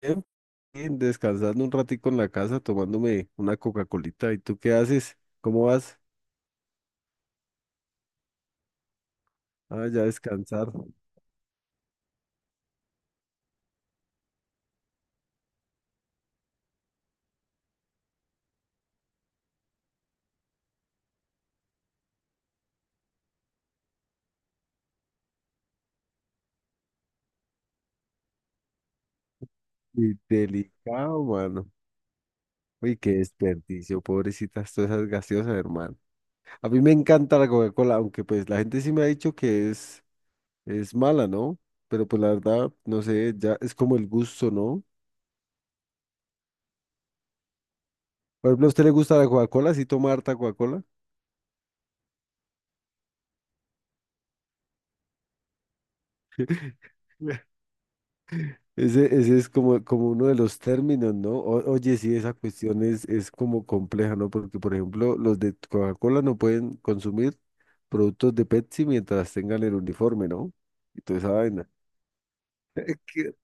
Bien, bien, descansando un ratico en la casa, tomándome una Coca-Colita. ¿Y tú qué haces? ¿Cómo vas? Ah, ya descansar. Y delicado, mano. Uy, qué desperdicio, pobrecitas, todas esas gaseosas, hermano. A mí me encanta la Coca-Cola, aunque pues la gente sí me ha dicho que es mala, ¿no? Pero pues la verdad, no sé, ya es como el gusto, ¿no? Por ejemplo, ¿a usted le gusta la Coca-Cola? ¿Sí toma harta Coca-Cola? Ese es como uno de los términos, ¿no? Oye, sí, esa cuestión es como compleja, ¿no? Porque, por ejemplo, los de Coca-Cola no pueden consumir productos de Pepsi mientras tengan el uniforme, ¿no? Y toda esa vaina. ¿Qué?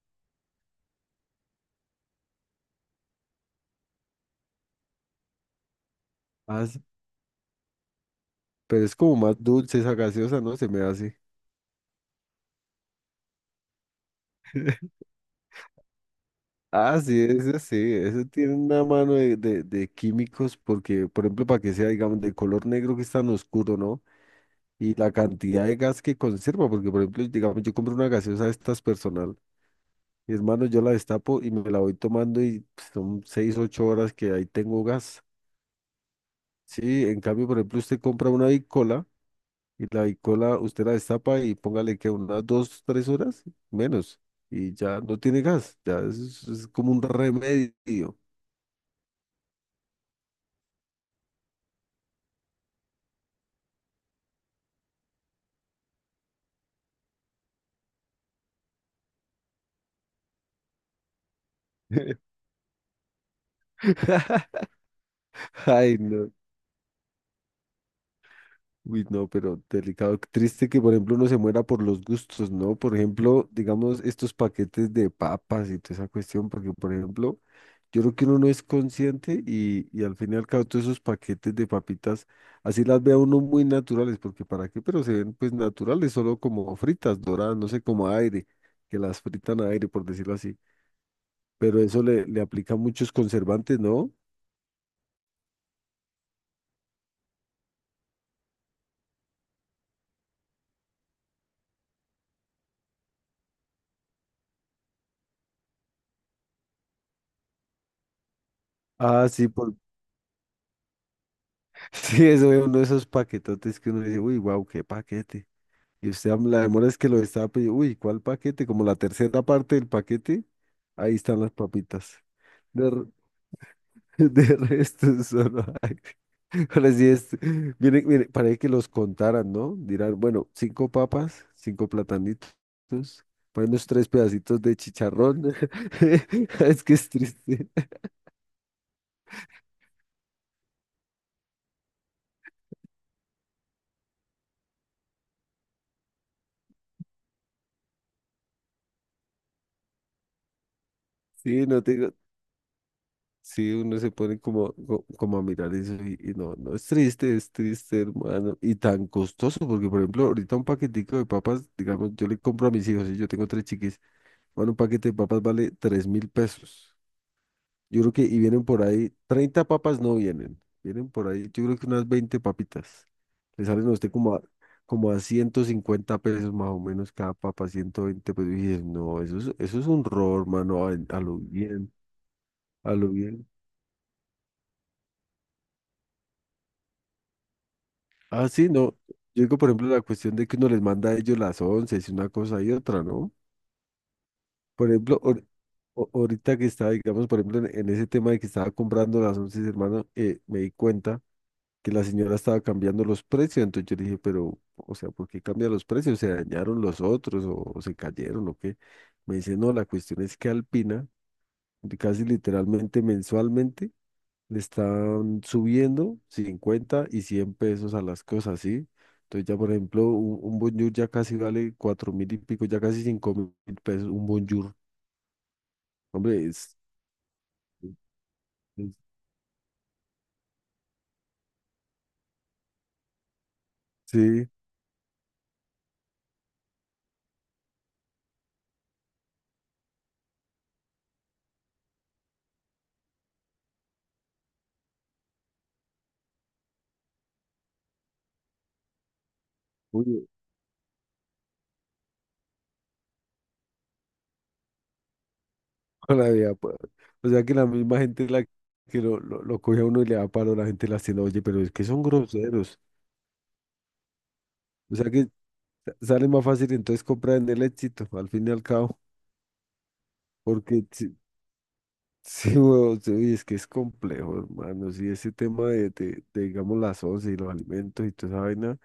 Ah, sí, pero es como más dulce esa gaseosa, ¿no? Se me hace. Ah, sí, eso tiene una mano de químicos porque, por ejemplo, para que sea, digamos, de color negro que es tan oscuro, ¿no? Y la cantidad de gas que conserva, porque, por ejemplo, digamos, yo compro una gaseosa de estas personal. Y hermano, yo la destapo y me la voy tomando y pues, son 6, 8 horas que ahí tengo gas. Sí, en cambio, por ejemplo, usted compra una bicola y la bicola usted la destapa y póngale que unas 2, 3 horas menos y ya no tiene gas. Ya es como un remedio. Ay, no. Uy, no, pero delicado. Triste que, por ejemplo, uno se muera por los gustos, ¿no? Por ejemplo, digamos, estos paquetes de papas y toda esa cuestión, porque, por ejemplo, yo creo que uno no es consciente y al fin y al cabo todos esos paquetes de papitas, así las ve a uno muy naturales, porque para qué, pero se ven pues naturales, solo como fritas, doradas, no sé, como a aire, que las fritan a aire, por decirlo así. Pero eso le aplica muchos conservantes, ¿no? Ah, sí, por... sí, eso es uno de esos paquetotes que uno dice, uy, wow, qué paquete. Y usted la demora es que lo estaba pidiendo, uy, ¿cuál paquete? Como la tercera parte del paquete, ahí están las papitas. De resto, solo hay. Ahora sí es. Miren, miren, para que los contaran, ¿no? Dirán, bueno, cinco papas, cinco platanitos, para unos tres pedacitos de chicharrón. Es que es triste. Sí, no tengo. Sí, uno se pone como, como a mirar eso y no, no, es triste, hermano. Y tan costoso, porque por ejemplo, ahorita un paquetico de papas, digamos, yo le compro a mis hijos y yo tengo tres chiquis, bueno, un paquete de papas vale $3.000. Yo creo que, y vienen por ahí, 30 papas no vienen, vienen por ahí, yo creo que unas 20 papitas. Le salen a usted como a, como a $150 más o menos cada papa, 120 pesos. Y dices, no, eso es un robo, hermano, a lo bien, a lo bien. Ah, sí, no. Yo digo, por ejemplo, la cuestión de que uno les manda a ellos las once, y una cosa y otra, ¿no? Por ejemplo, ahorita que estaba, digamos, por ejemplo, en ese tema de que estaba comprando las once, hermano, me di cuenta que la señora estaba cambiando los precios. Entonces yo le dije, pero, o sea, ¿por qué cambia los precios? ¿Se dañaron los otros o se cayeron o qué? Me dice, no, la cuestión es que Alpina, casi literalmente mensualmente, le están subiendo 50 y $100 a las cosas, ¿sí? Entonces ya, por ejemplo, un bonjour ya casi vale 4.000 y pico, ya casi $5.000, un bonjour. Hombre, es- sí. Toda la vida, pues. O sea que la misma gente la que lo coge a uno y le da paro, la gente las tiene, oye, pero es que son groseros. O sea que sale más fácil entonces comprar en el éxito, al fin y al cabo. Porque sí, sí, huevón, sí, uy, es que es complejo, hermano. Sí, ese tema de, digamos, las once y los alimentos y toda esa vaina.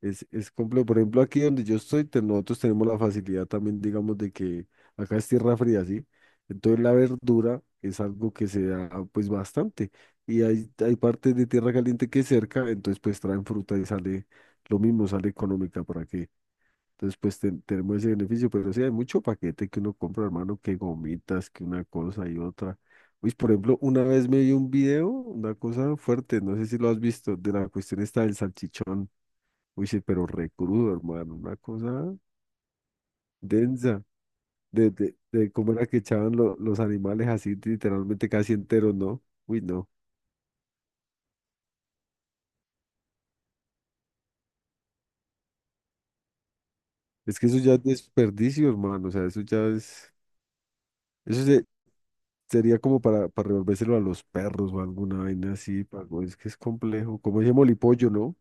Es complejo. Por ejemplo, aquí donde yo estoy, nosotros tenemos la facilidad también, digamos, de que acá es tierra fría, ¿sí? Entonces la verdura es algo que se da pues bastante. Y hay partes de tierra caliente que es cerca, entonces pues traen fruta y sale lo mismo, sale económica para que. Entonces pues tenemos ese beneficio, pero sí hay mucho paquete que uno compra, hermano, que gomitas, que una cosa y otra. Pues por ejemplo, una vez me vi un video, una cosa fuerte, no sé si lo has visto, de la cuestión esta del salchichón. Uy, sí, pero re crudo, hermano, una cosa densa, de cómo era que echaban los animales así literalmente casi enteros, ¿no? Uy, no, es que eso ya es desperdicio, hermano, o sea, eso ya es, eso se- sería como para revolvérselo a los perros o alguna vaina así, pago, es que es complejo, como ese molipollo, ¿no?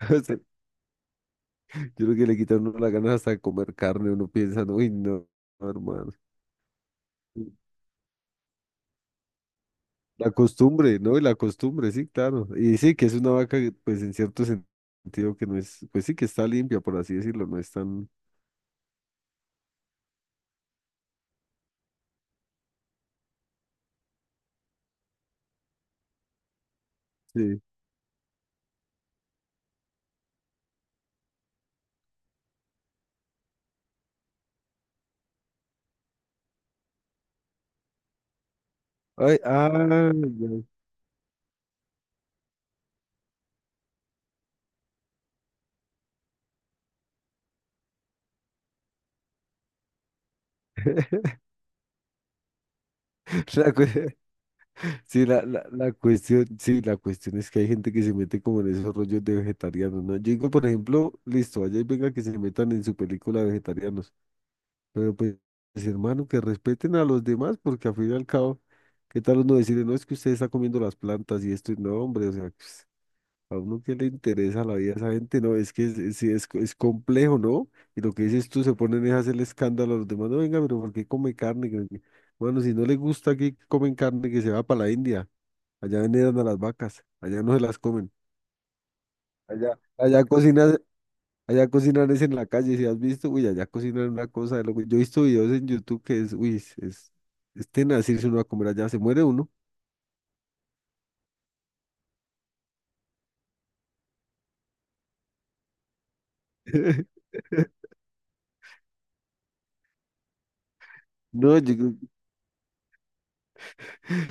O sea, yo creo que le quitan a uno las ganas hasta de comer carne, uno piensa, uy, no, hermano. La costumbre, ¿no? Y la costumbre, sí, claro. Y sí, que es una vaca, que, pues en cierto sentido que no es, pues sí, que está limpia, por así decirlo, no es tan... Sí. Ay, ah, ya. La cue- sí, la cuestión, sí, la cuestión es que hay gente que se mete como en esos rollos de vegetarianos, ¿no? Yo digo, por ejemplo, listo, allá y venga que se metan en su película vegetarianos, pero pues, hermano, que respeten a los demás, porque al fin y al cabo, ¿qué tal uno decirle, no, es que usted está comiendo las plantas y esto, y no, hombre, o sea, pues a uno que le interesa la vida a esa gente, no, es que es, sí, es, es complejo, ¿no? Y lo que dices tú, se ponen es a hacer el escándalo a los demás, no, venga, pero ¿por qué come carne? Que no sé qué". Bueno, si no le gusta que comen carne, que se va para la India, allá veneran a las vacas, allá no se las comen, allá, allá cocinan es en la calle, si has visto, uy, allá cocinan una cosa de loco. Yo he visto videos en YouTube que es, uy, es, es tenaz irse uno a comer allá, se muere uno. No, yo,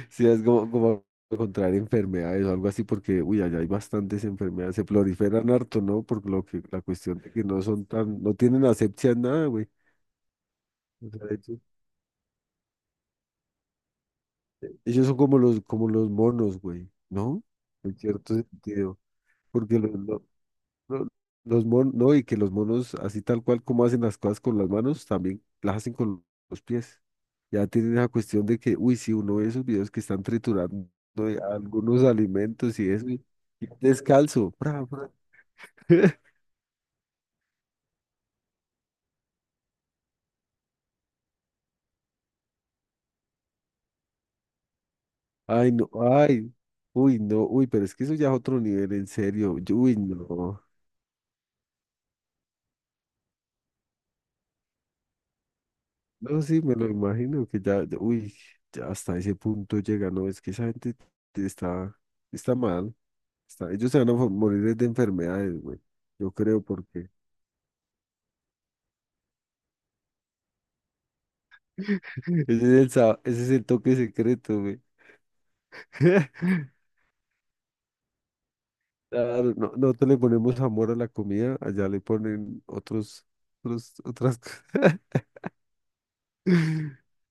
sí, es como, como contraer enfermedades o algo así, porque, uy, allá hay bastantes enfermedades, se proliferan harto, ¿no? Por lo que la cuestión de que no son tan, no tienen asepsia en nada, güey. O sea, ellos son como los monos, güey, ¿no? En cierto sentido, porque lo- Los monos, no, y que los monos, así tal cual como hacen las cosas con las manos, también las hacen con los pies. Ya tienen esa cuestión de que, uy, si uno ve esos videos que están triturando de algunos alimentos y eso, y descalzo. Pra, pra. Ay, no, ay, uy, no, uy, pero es que eso ya es otro nivel, en serio. Uy, no. No, sí, me lo imagino que ya, uy, ya hasta ese punto llega, no, es que esa gente está, está mal. Ellos se van a morir de enfermedades, güey. Yo creo porque ese es el, ese es el toque secreto, güey. Claro, no, nosotros le ponemos amor a la comida, allá le ponen otros, otras cosas.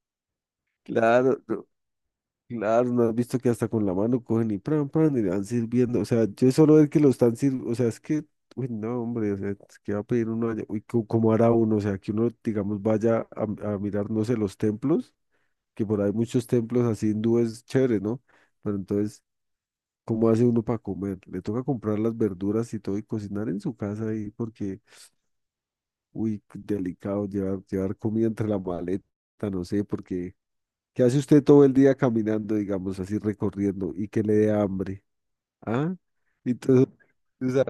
Claro, no, claro, no has visto que hasta con la mano cogen y pran, pran, y le van sirviendo. O sea, yo solo ver que lo están sirviendo, o sea, es que, uy, no, hombre, o sea, es que va a pedir uno allá, uy, ¿cómo hará uno? O sea, que uno, digamos, vaya a mirar, no sé, los templos. Que por ahí muchos templos así hindúes chéveres, ¿no? Pero entonces, ¿cómo hace uno para comer? Le toca comprar las verduras y todo y cocinar en su casa ahí porque, uy, delicado llevar, llevar comida entre la maleta, no sé, porque ¿qué hace usted todo el día caminando, digamos, así recorriendo y que le dé hambre? ¿Ah? Entonces, o sea,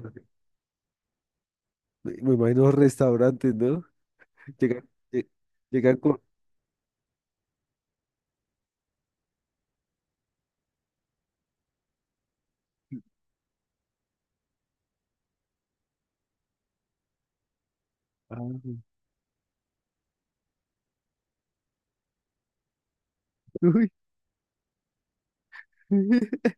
me imagino los restaurantes, ¿no? Llegan, lle- llegan con... Ah, uy.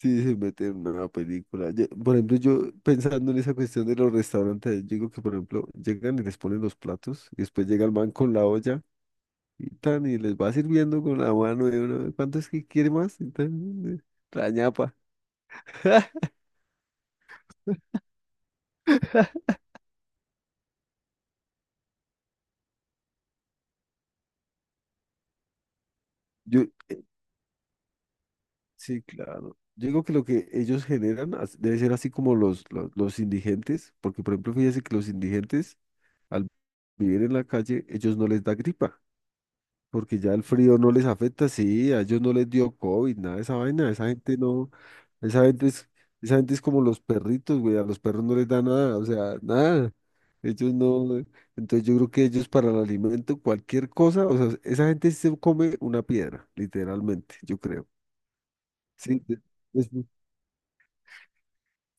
Sí, se mete en una película. Por ejemplo, yo pensando en esa cuestión de los restaurantes, yo digo que, por ejemplo, llegan y les ponen los platos, y después llega el man con la olla y tan, y les va sirviendo con la mano, y uno, ¿cuánto es que quiere más? Y tan, la ñapa. Yo, eh, sí, claro. Yo digo que lo que ellos generan debe ser así como los indigentes, porque, por ejemplo, fíjese que los indigentes, al vivir en la calle, ellos no les da gripa. Porque ya el frío no les afecta, sí, a ellos no les dio COVID, nada de esa vaina, esa gente no, esa gente es, esa gente es como los perritos, güey, a los perros no les da nada, o sea, nada, ellos no, entonces yo creo que ellos para el alimento, cualquier cosa, o sea, esa gente sí se come una piedra, literalmente, yo creo, sí, es-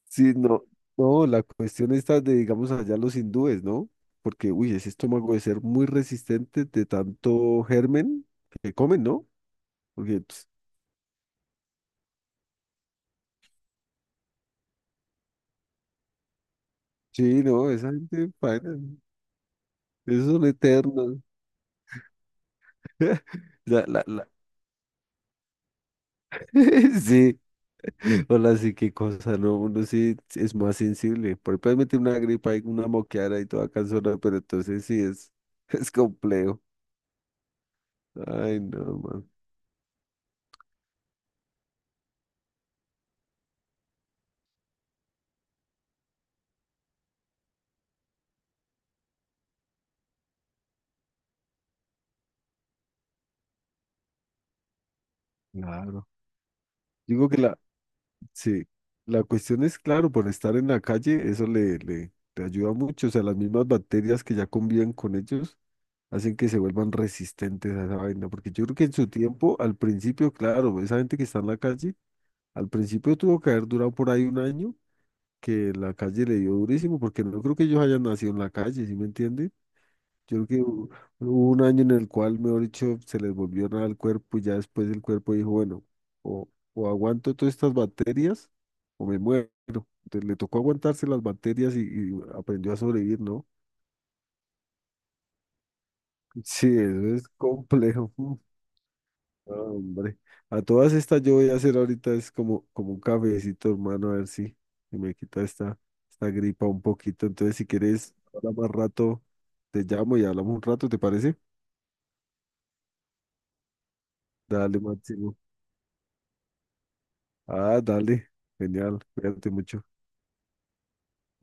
sí, no, no, la cuestión está de, digamos, allá los hindúes, ¿no? Porque, uy, ese estómago debe ser muy resistente de tanto germen que comen, ¿no? Porque... pues, sí, no, esa gente paila, esos son eternos. La, la, la. Sí, hola, sí, qué cosa, ¿no? Uno sí es más sensible. Por puedes meter una gripa y una moqueara y toda cansona, pero entonces sí es, es complejo. Ay, no, man. Claro. Digo que la, sí, la cuestión es, claro, por estar en la calle, eso le ayuda mucho. O sea, las mismas bacterias que ya conviven con ellos hacen que se vuelvan resistentes a esa vaina, porque yo creo que en su tiempo, al principio, claro, esa gente que está en la calle, al principio tuvo que haber durado por ahí un año, que la calle le dio durísimo, porque no creo que ellos hayan nacido en la calle, ¿sí me entiende? Yo creo que hubo un año en el cual, mejor dicho, se les volvió nada al cuerpo y ya después el cuerpo dijo, bueno, o, o aguanto todas estas bacterias o me muero. Entonces le tocó aguantarse las bacterias y aprendió a sobrevivir, ¿no? Sí, eso es complejo. Ah, hombre, a todas estas yo voy a hacer ahorita es como, como un cafecito, hermano, a ver si me quita esta gripa un poquito. Entonces, si quieres, ahora más rato te llamo y hablamos un rato, ¿te parece? Dale, máximo. Ah, dale, genial, cuídate mucho.